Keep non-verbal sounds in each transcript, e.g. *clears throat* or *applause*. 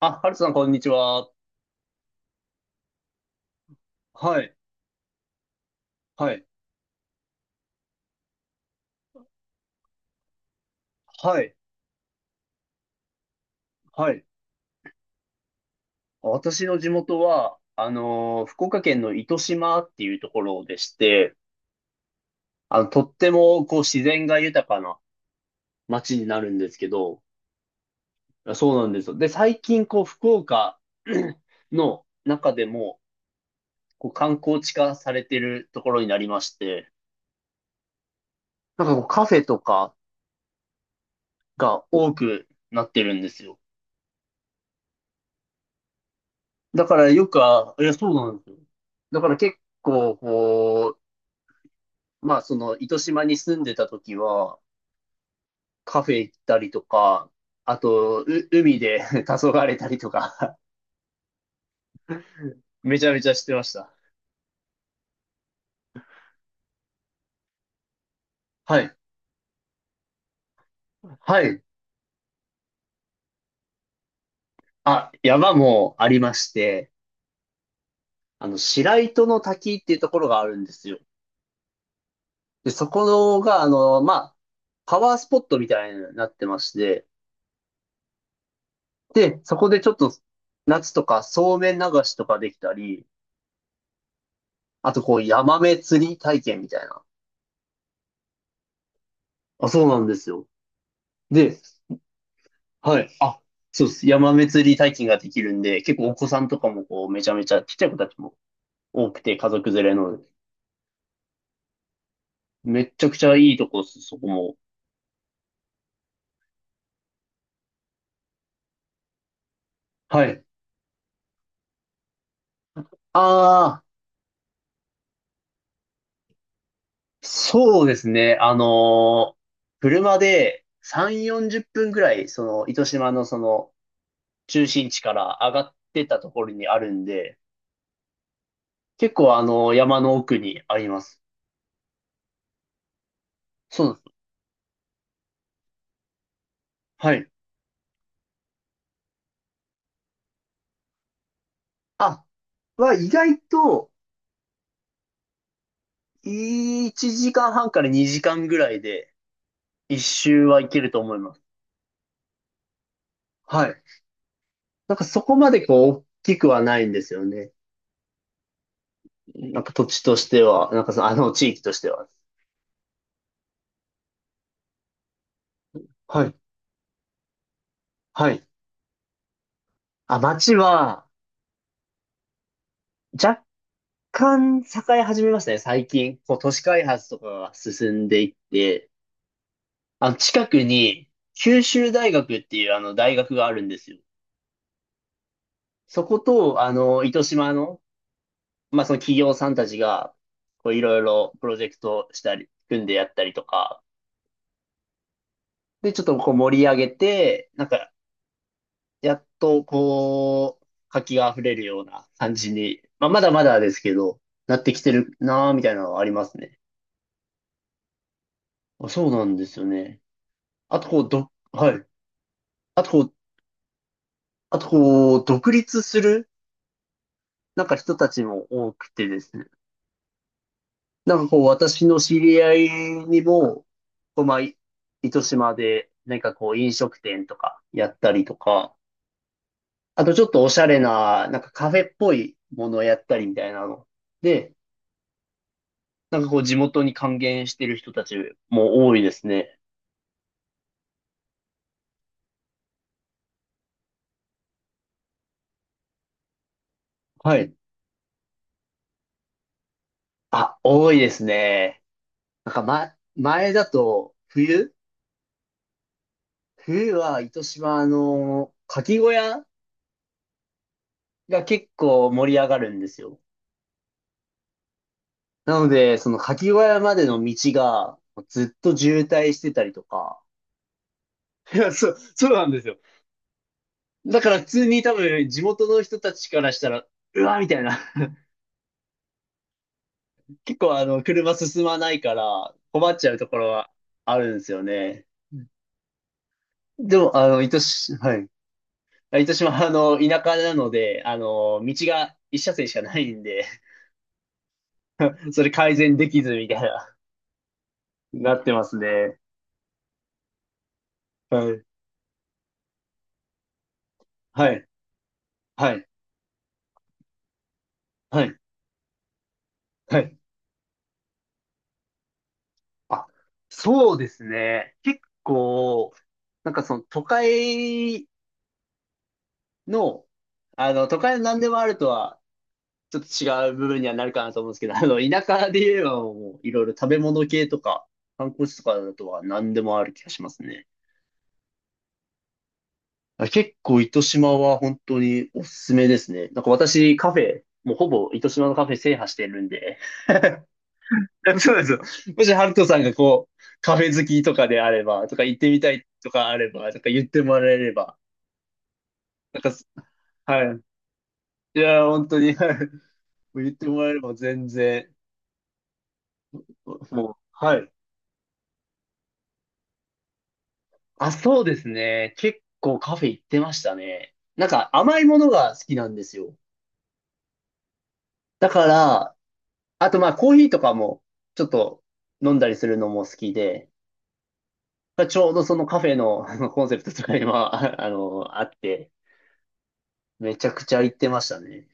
あ、ハルさん、こんにちは。はい、はい、はい、はい。私の地元は、福岡県の糸島っていうところでして、とっても、こう、自然が豊かな街になるんですけど、そうなんですよ。で、最近、こう、福岡 *clears throat* の中でも、こう、観光地化されてるところになりまして、なんかこう、カフェとかが多くなってるんですよ。だからよく、あ、いや、そうなんですよ。だから結構、こう、まあ、その、糸島に住んでた時は、カフェ行ったりとか、あと、海で *laughs* 黄昏れたりとか *laughs* めちゃめちゃしてました。はい。はい。あ、山もありまして、あの、白糸の滝っていうところがあるんですよ。で、そこのが、あの、まあ、パワースポットみたいになってまして、で、そこでちょっと、夏とかそうめん流しとかできたり、あとこう、ヤマメ釣り体験みたいな。あ、そうなんですよ。で、はい。あ、そうです。山祭り体験ができるんで、結構お子さんとかもこう、めちゃめちゃ、ちっちゃい子たちも多くて、家族連れの、めっちゃくちゃいいとこです、そこも。はい。ああ、そうですね。車で3、40分ぐらい、その、糸島のその、中心地から上がってったところにあるんで、結構あの、山の奥にあります。そうなんです。はい。あ、は意外と、1時間半から2時間ぐらいで、一周はいけると思います。はい。なんかそこまでこう、大きくはないんですよね。なんか土地としては、なんかその、あの地域としては。はい。はい。あ、町は、若干栄え始めましたね、最近。こう、都市開発とかが進んでいって、あの、近くに、九州大学っていうあの、大学があるんですよ。そこと、あの、糸島の、まあ、その企業さんたちが、こう、いろいろプロジェクトしたり、組んでやったりとか、で、ちょっとこう盛り上げて、なんか、やっとこう、活気が溢れるような感じに、まあ、まだまだですけど、なってきてるなーみたいなのはありますね。あ、そうなんですよね。あとこう、はい。あとこう、あとこう、独立する、なんか人たちも多くてですね。なんかこう、私の知り合いにも、こう、まあ、糸島で、なんかこう、飲食店とかやったりとか、あとちょっとおしゃれな、なんかカフェっぽいものをやったりみたいなの。で、なんかこう地元に還元してる人たちも多いですね。はい。あ、多いですね。なんかま、前だと冬は糸島の牡蠣小屋が結構盛り上がるんですよ。なので、その牡蠣小屋までの道がずっと渋滞してたりとか。いや、そうなんですよ。だから普通に多分地元の人たちからしたら、うわ、みたいな。結構あの、車進まないから困っちゃうところはあるんですよね。でも、あの、糸島、はい。糸島はあの、田舎なので、あの、道が一車線しかないんで、*laughs* それ改善できずみたいな、なってますね。はい。はい。はい。はい。はい。あ、そうですね。結構、なんかその都会の、あの、都会の何でもあるとはちょっと違う部分にはなるかなと思うんですけど、あの、田舎で言えばもういろいろ食べ物系とか、観光地とかだとは何でもある気がしますね。あ結構糸島は本当におすすめですね。なんか私カフェ、もうほぼ糸島のカフェ制覇してるんで。*laughs* そうなんですよ。もしハルトさんがこう、カフェ好きとかであれば、とか行ってみたいとかあれば、とか言ってもらえれば、なんかす、はい。いや、本当に、*laughs* はい。もう言ってもらえれば全然、もう、はい。あ、そうですね。結構カフェ行ってましたね。なんか甘いものが好きなんですよ。だから、あとまあコーヒーとかもちょっと飲んだりするのも好きで、ちょうどそのカフェの *laughs* あのコンセプトとかには、*laughs* あって、めちゃくちゃ行ってましたね。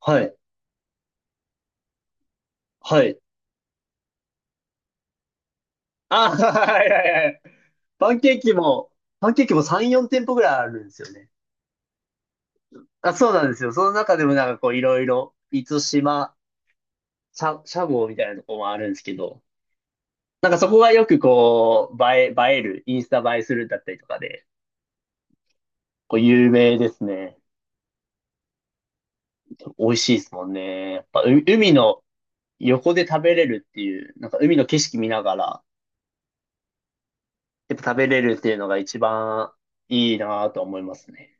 はい。はい。あ、*laughs* はいはいはい。パンケーキも、パンケーキも3、4店舗ぐらいあるんですよね。あ、そうなんですよ。その中でもなんかこういろいろ、満島、シャゴみたいなとこもあるんですけど、なんかそこがよくこう、映える、インスタ映えするだったりとかで、こう有名ですね。美味しいですもんね。やっぱう海の横で食べれるっていう、なんか海の景色見ながら、やっぱ食べれるっていうのが一番いいなぁと思いますね。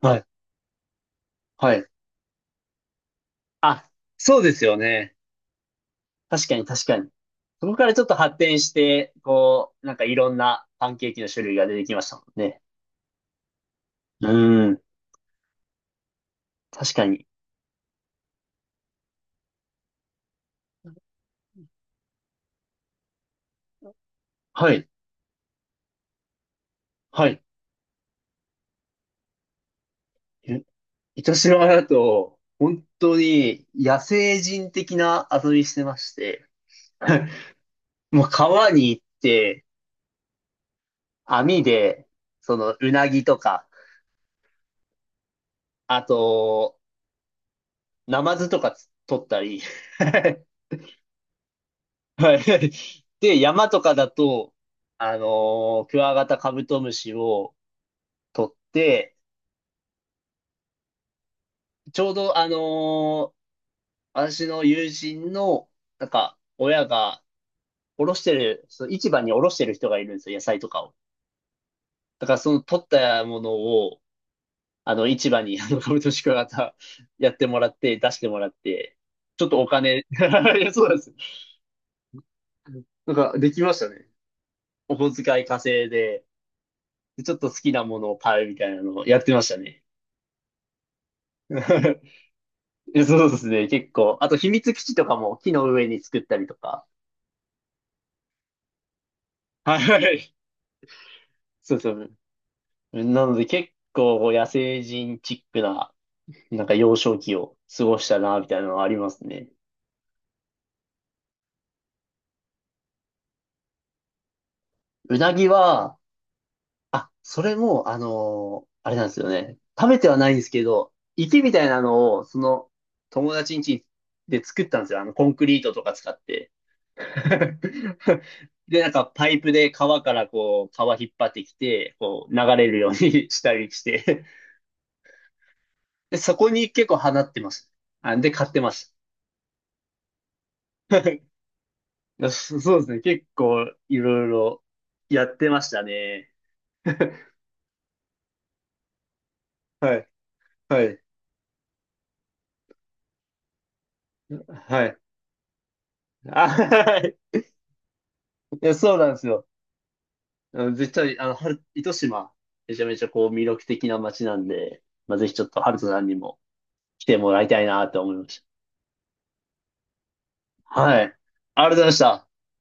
はい。はい。あ、そうですよね。確かに確かに。そこからちょっと発展して、こう、なんかいろんなパンケーキの種類が出てきましたもんね。うん。確かに。はい。はい。糸島だと、本当に野生人的な遊びしてまして、*laughs* もう川に行って、網で、その、うなぎとか、あと、ナマズとか取ったり、*laughs* はい。で、山とかだと、クワガタカブトムシを取って、ちょうど、私の友人の、なんか、親が、おろしてる、その市場におろしてる人がいるんですよ、野菜とかを。だからその取ったものを、あの、市場に、*laughs* あの、株と宿泊型やってもらって、出してもらって、ちょっとお金、*laughs* いやそうなんです。なんか、できましたね。お小遣い稼いで、でちょっと好きなものを買うみたいなのをやってましたね。*laughs* そうですね、結構。あと、秘密基地とかも木の上に作ったりとか。はい。そうそう。なので、結構野生人チックな、なんか幼少期を過ごしたな、みたいなのはありますね。うなぎは、あ、それも、あれなんですよね。食べてはないんですけど、池みたいなのを、その、友達ん家で作ったんですよ。あの、コンクリートとか使って。*laughs* で、なんか、パイプで川からこう、川引っ張ってきて、こう、流れるように *laughs* したりして。で、そこに結構放ってました。あ、で、買ってました。*laughs* いやそうですね。結構、いろいろやってましたね。はい。はい。はい。*laughs* あ、はい。いや、そうなんですよ。うん、絶対、あの、春糸島、めちゃめちゃこう魅力的な街なんで、まあ、ぜひちょっとハルトさんにも来てもらいたいなと思いました。はい。ありがとうございました。